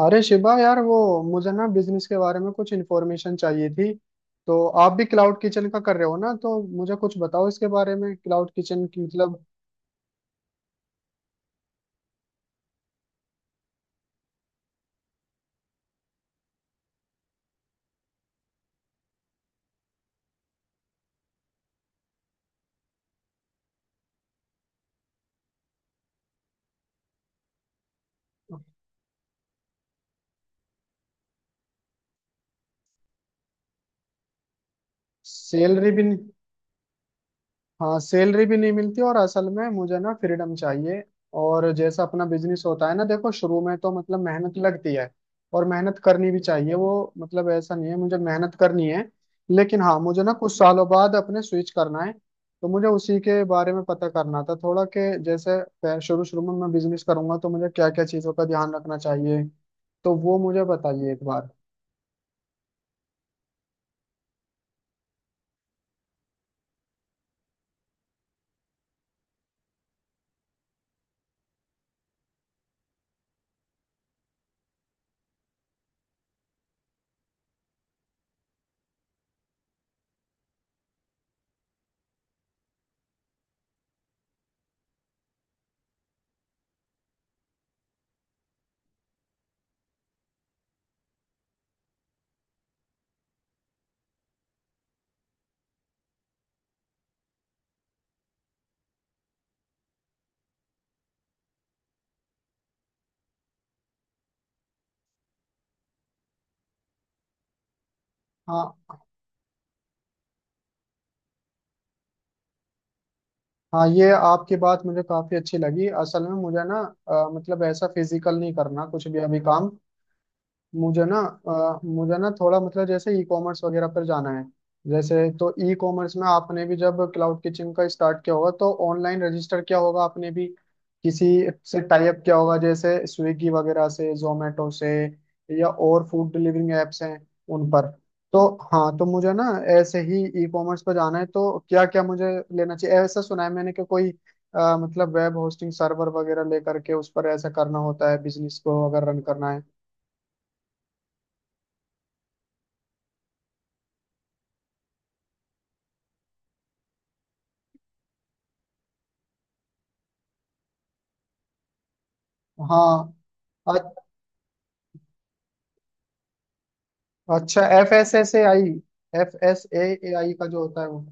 अरे शिवा यार, वो मुझे ना बिजनेस के बारे में कुछ इन्फॉर्मेशन चाहिए थी। तो आप भी क्लाउड किचन का कर रहे हो ना, तो मुझे कुछ बताओ इसके बारे में, क्लाउड किचन की मतलब। सैलरी भी नहीं। हाँ, सैलरी भी नहीं मिलती, और असल में मुझे ना फ्रीडम चाहिए। और जैसा अपना बिजनेस होता है ना, देखो शुरू में तो मतलब मेहनत लगती है। और मेहनत करनी भी चाहिए, वो मतलब ऐसा नहीं है, मुझे मेहनत करनी है। लेकिन हाँ, मुझे ना कुछ सालों बाद अपने स्विच करना है। तो मुझे उसी के बारे में पता करना था थोड़ा, कि जैसे शुरू शुरू में मैं बिजनेस करूंगा तो मुझे क्या क्या चीज़ों का ध्यान रखना चाहिए। तो वो मुझे बताइए एक बार। हाँ, हाँ, ये आपकी बात मुझे काफी अच्छी लगी। असल में मुझे ना मतलब ऐसा फिजिकल नहीं करना कुछ भी अभी काम। मुझे ना मुझे ना थोड़ा, मतलब जैसे ई कॉमर्स वगैरह पर जाना है। जैसे तो ई कॉमर्स में आपने भी जब क्लाउड किचन का स्टार्ट किया होगा, तो ऑनलाइन रजिस्टर किया होगा आपने भी, किसी से टाई अप किया होगा जैसे स्विगी वगैरह से, जोमेटो से, या और फूड डिलीवरिंग एप्स हैं उन पर। तो हाँ, तो मुझे ना ऐसे ही ई कॉमर्स पर जाना है, तो क्या क्या मुझे लेना चाहिए। ऐसा सुना है मैंने कि कोई मतलब वेब होस्टिंग सर्वर वगैरह लेकर के उस पर ऐसा करना होता है बिजनेस को अगर रन करना है। हाँ। अ- अच्छा, FSSAI, FSAI का जो होता है वो।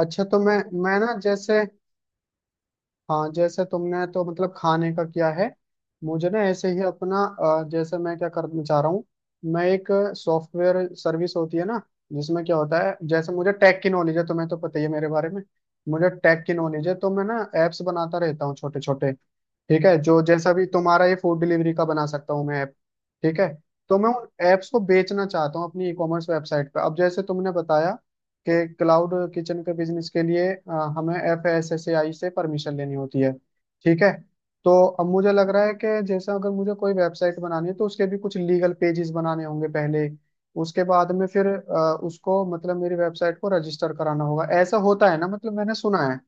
अच्छा तो मैं ना जैसे, हाँ जैसे तुमने तो मतलब खाने का किया है, मुझे ना ऐसे ही अपना, जैसे मैं क्या करना चाह रहा हूँ। मैं एक सॉफ्टवेयर सर्विस होती है ना, जिसमें क्या होता है, जैसे मुझे टेक की नॉलेज है, तुम्हें तो पता ही है मेरे बारे में। मुझे टेक की नॉलेज है, तो मैं ना एप्स बनाता रहता हूँ छोटे छोटे। ठीक है, जो जैसा भी तुम्हारा ये फूड डिलीवरी का बना सकता हूँ मैं ऐप। ठीक है। तो मैं उन ऐप्स को बेचना चाहता हूँ अपनी ई कॉमर्स वेबसाइट पर। अब जैसे तुमने बताया के क्लाउड किचन के बिजनेस के लिए हमें FSSAI से परमिशन लेनी होती है। ठीक है। तो अब मुझे लग रहा है कि जैसा अगर मुझे कोई वेबसाइट बनानी है, तो उसके भी कुछ लीगल पेजेस बनाने होंगे पहले। उसके बाद में फिर उसको, मतलब मेरी वेबसाइट को, रजिस्टर कराना होगा। ऐसा होता है ना? मतलब मैंने सुना है।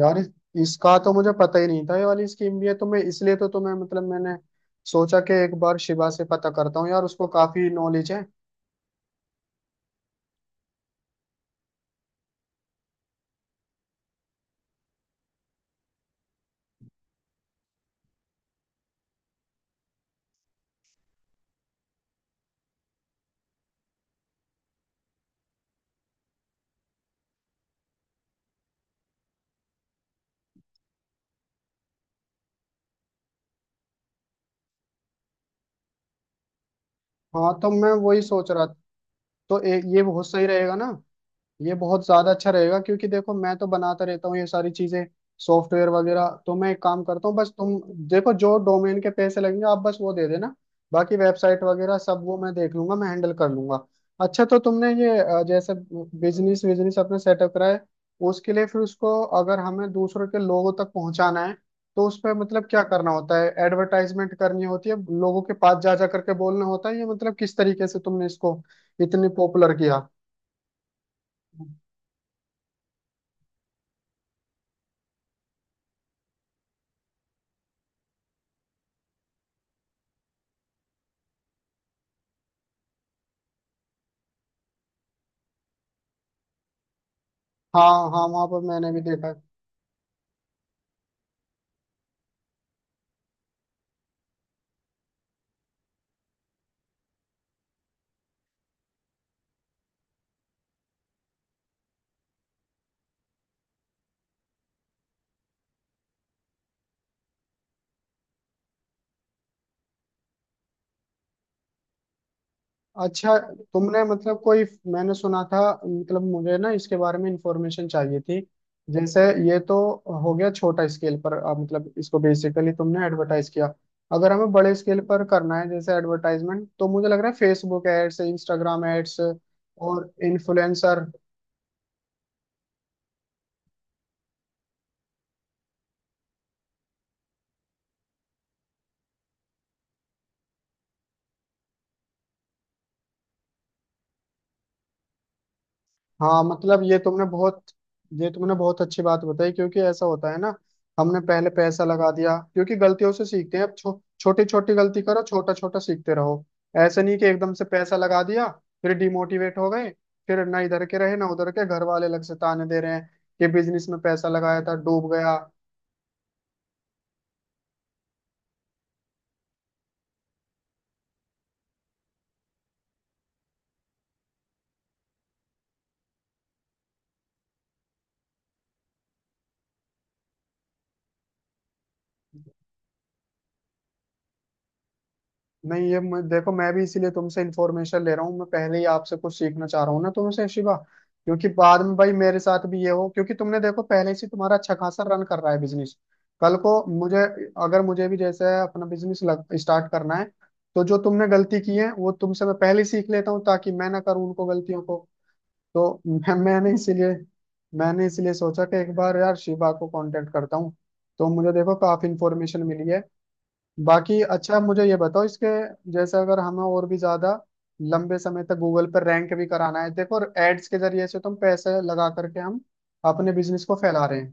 यार, इसका तो मुझे पता ही नहीं था, ये वाली स्कीम भी है। तो मैं इसलिए तो तुम्हें मतलब, मैंने सोचा कि एक बार शिवा से पता करता हूँ यार, उसको काफी नॉलेज है। हाँ, तो मैं वही सोच रहा था, तो ये बहुत सही रहेगा ना। ये बहुत ज्यादा अच्छा रहेगा, क्योंकि देखो मैं तो बनाता रहता हूँ ये सारी चीजें, सॉफ्टवेयर वगैरह। तो मैं एक काम करता हूँ, बस तुम देखो जो डोमेन के पैसे लगेंगे आप बस वो दे देना, बाकी वेबसाइट वगैरह सब वो मैं देख लूंगा, मैं हैंडल कर लूंगा। अच्छा, तो तुमने ये जैसे बिजनेस बिजनेस अपने सेटअप करा है, उसके लिए फिर उसको, अगर हमें दूसरों के लोगों तक पहुंचाना है, तो उस पर मतलब क्या करना होता है? एडवर्टाइजमेंट करनी होती है, लोगों के पास जा जा करके बोलना होता है ये, मतलब किस तरीके से तुमने इसको इतने पॉपुलर किया। हाँ, हाँ, वहां पर मैंने भी देखा है। अच्छा, तुमने मतलब कोई, मैंने सुना था, मतलब मुझे ना इसके बारे में इंफॉर्मेशन चाहिए थी जैसे। ये तो हो गया छोटा स्केल पर, अब मतलब इसको बेसिकली तुमने एडवर्टाइज किया। अगर हमें बड़े स्केल पर करना है जैसे एडवर्टाइजमेंट, तो मुझे लग रहा है फेसबुक एड्स, इंस्टाग्राम एड्स और इन्फ्लुएंसर। हाँ मतलब ये तुमने बहुत अच्छी बात बताई, क्योंकि ऐसा होता है ना। हमने पहले पैसा लगा दिया, क्योंकि गलतियों से सीखते हैं। अब छोटी छोटी गलती करो, छोटा छोटा सीखते रहो। ऐसे नहीं कि एकदम से पैसा लगा दिया, फिर डिमोटिवेट हो गए, फिर ना इधर के रहे ना उधर के, घर वाले अलग से ताने दे रहे हैं कि बिजनेस में पैसा लगाया था डूब गया। नहीं, देखो मैं भी इसीलिए तुमसे इन्फॉर्मेशन ले रहा हूँ, मैं पहले ही आपसे कुछ सीखना चाह रहा हूँ ना तुमसे शिवा। क्योंकि बाद में भाई मेरे साथ भी ये हो, क्योंकि तुमने देखो पहले से तुम्हारा अच्छा खासा रन कर रहा है बिजनेस। कल को मुझे, अगर मुझे भी जैसे अपना बिजनेस लग स्टार्ट करना है, तो जो तुमने गलती की है वो तुमसे मैं पहले ही सीख लेता हूँ ताकि मैं ना करूँ उनको गलतियों को। तो मैं, मैंने इसीलिए मैंने इसलिए सोचा कि एक बार यार शिवा को कांटेक्ट करता हूँ। तो मुझे देखो काफी इन्फॉर्मेशन मिली है। बाकी अच्छा, मुझे ये बताओ इसके, जैसे अगर हमें और भी ज्यादा लंबे समय तक गूगल पर रैंक भी कराना है, देखो एड्स के जरिए से तुम पैसे लगा करके हम अपने बिजनेस को फैला रहे हैं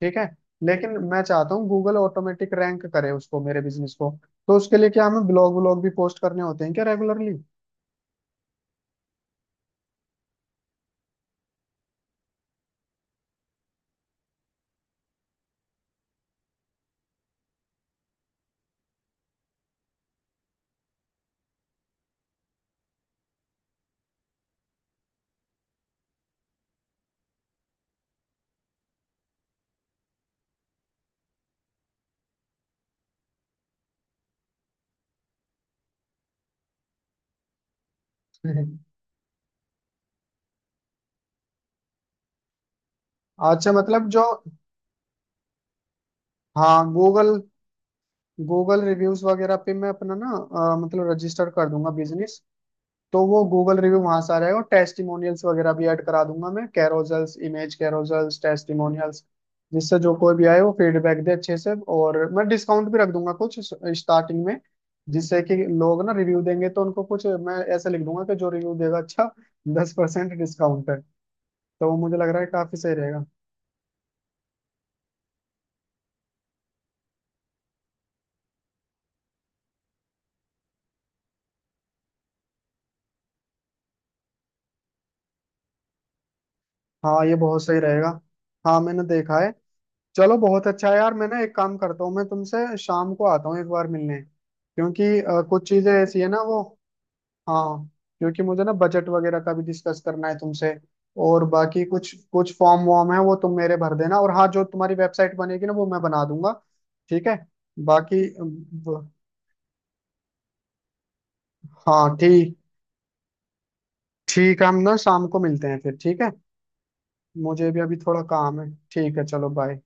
ठीक है। लेकिन मैं चाहता हूँ गूगल ऑटोमेटिक रैंक करे उसको, मेरे बिजनेस को। तो उसके लिए क्या हमें ब्लॉग व्लॉग भी पोस्ट करने होते हैं क्या रेगुलरली? अच्छा मतलब जो, हाँ गूगल गूगल रिव्यूज वगैरह पे मैं अपना ना मतलब रजिस्टर कर दूंगा बिजनेस। तो वो गूगल रिव्यू वहां से आ जाएगा, और टेस्टिमोनियल्स वगैरह भी ऐड करा दूंगा मैं, कैरोजल्स, इमेज कैरोजल्स, टेस्टिमोनियल्स, जिससे जो कोई भी आए वो फीडबैक दे अच्छे से। और मैं डिस्काउंट भी रख दूंगा कुछ स्टार्टिंग में, जिससे कि लोग ना रिव्यू देंगे तो उनको कुछ मैं ऐसा लिख दूंगा कि जो रिव्यू देगा अच्छा, 10% डिस्काउंट है। तो वो मुझे लग रहा है काफी सही रहेगा। हाँ ये बहुत सही रहेगा। हाँ, मैंने देखा है। चलो, बहुत अच्छा है यार। मैं ना एक काम करता हूँ, मैं तुमसे शाम को आता हूँ एक बार मिलने, क्योंकि कुछ चीजें ऐसी है ना वो। हाँ, क्योंकि मुझे ना बजट वगैरह का भी डिस्कस करना है तुमसे, और बाकी कुछ कुछ फॉर्म वॉर्म है वो तुम मेरे भर देना। और हाँ, जो तुम्हारी वेबसाइट बनेगी ना, वो मैं बना दूंगा। ठीक है। बाकी हाँ ठीक। ठीक है, हम ना शाम को मिलते हैं फिर। ठीक है, मुझे भी अभी थोड़ा काम है। ठीक है, चलो बाय।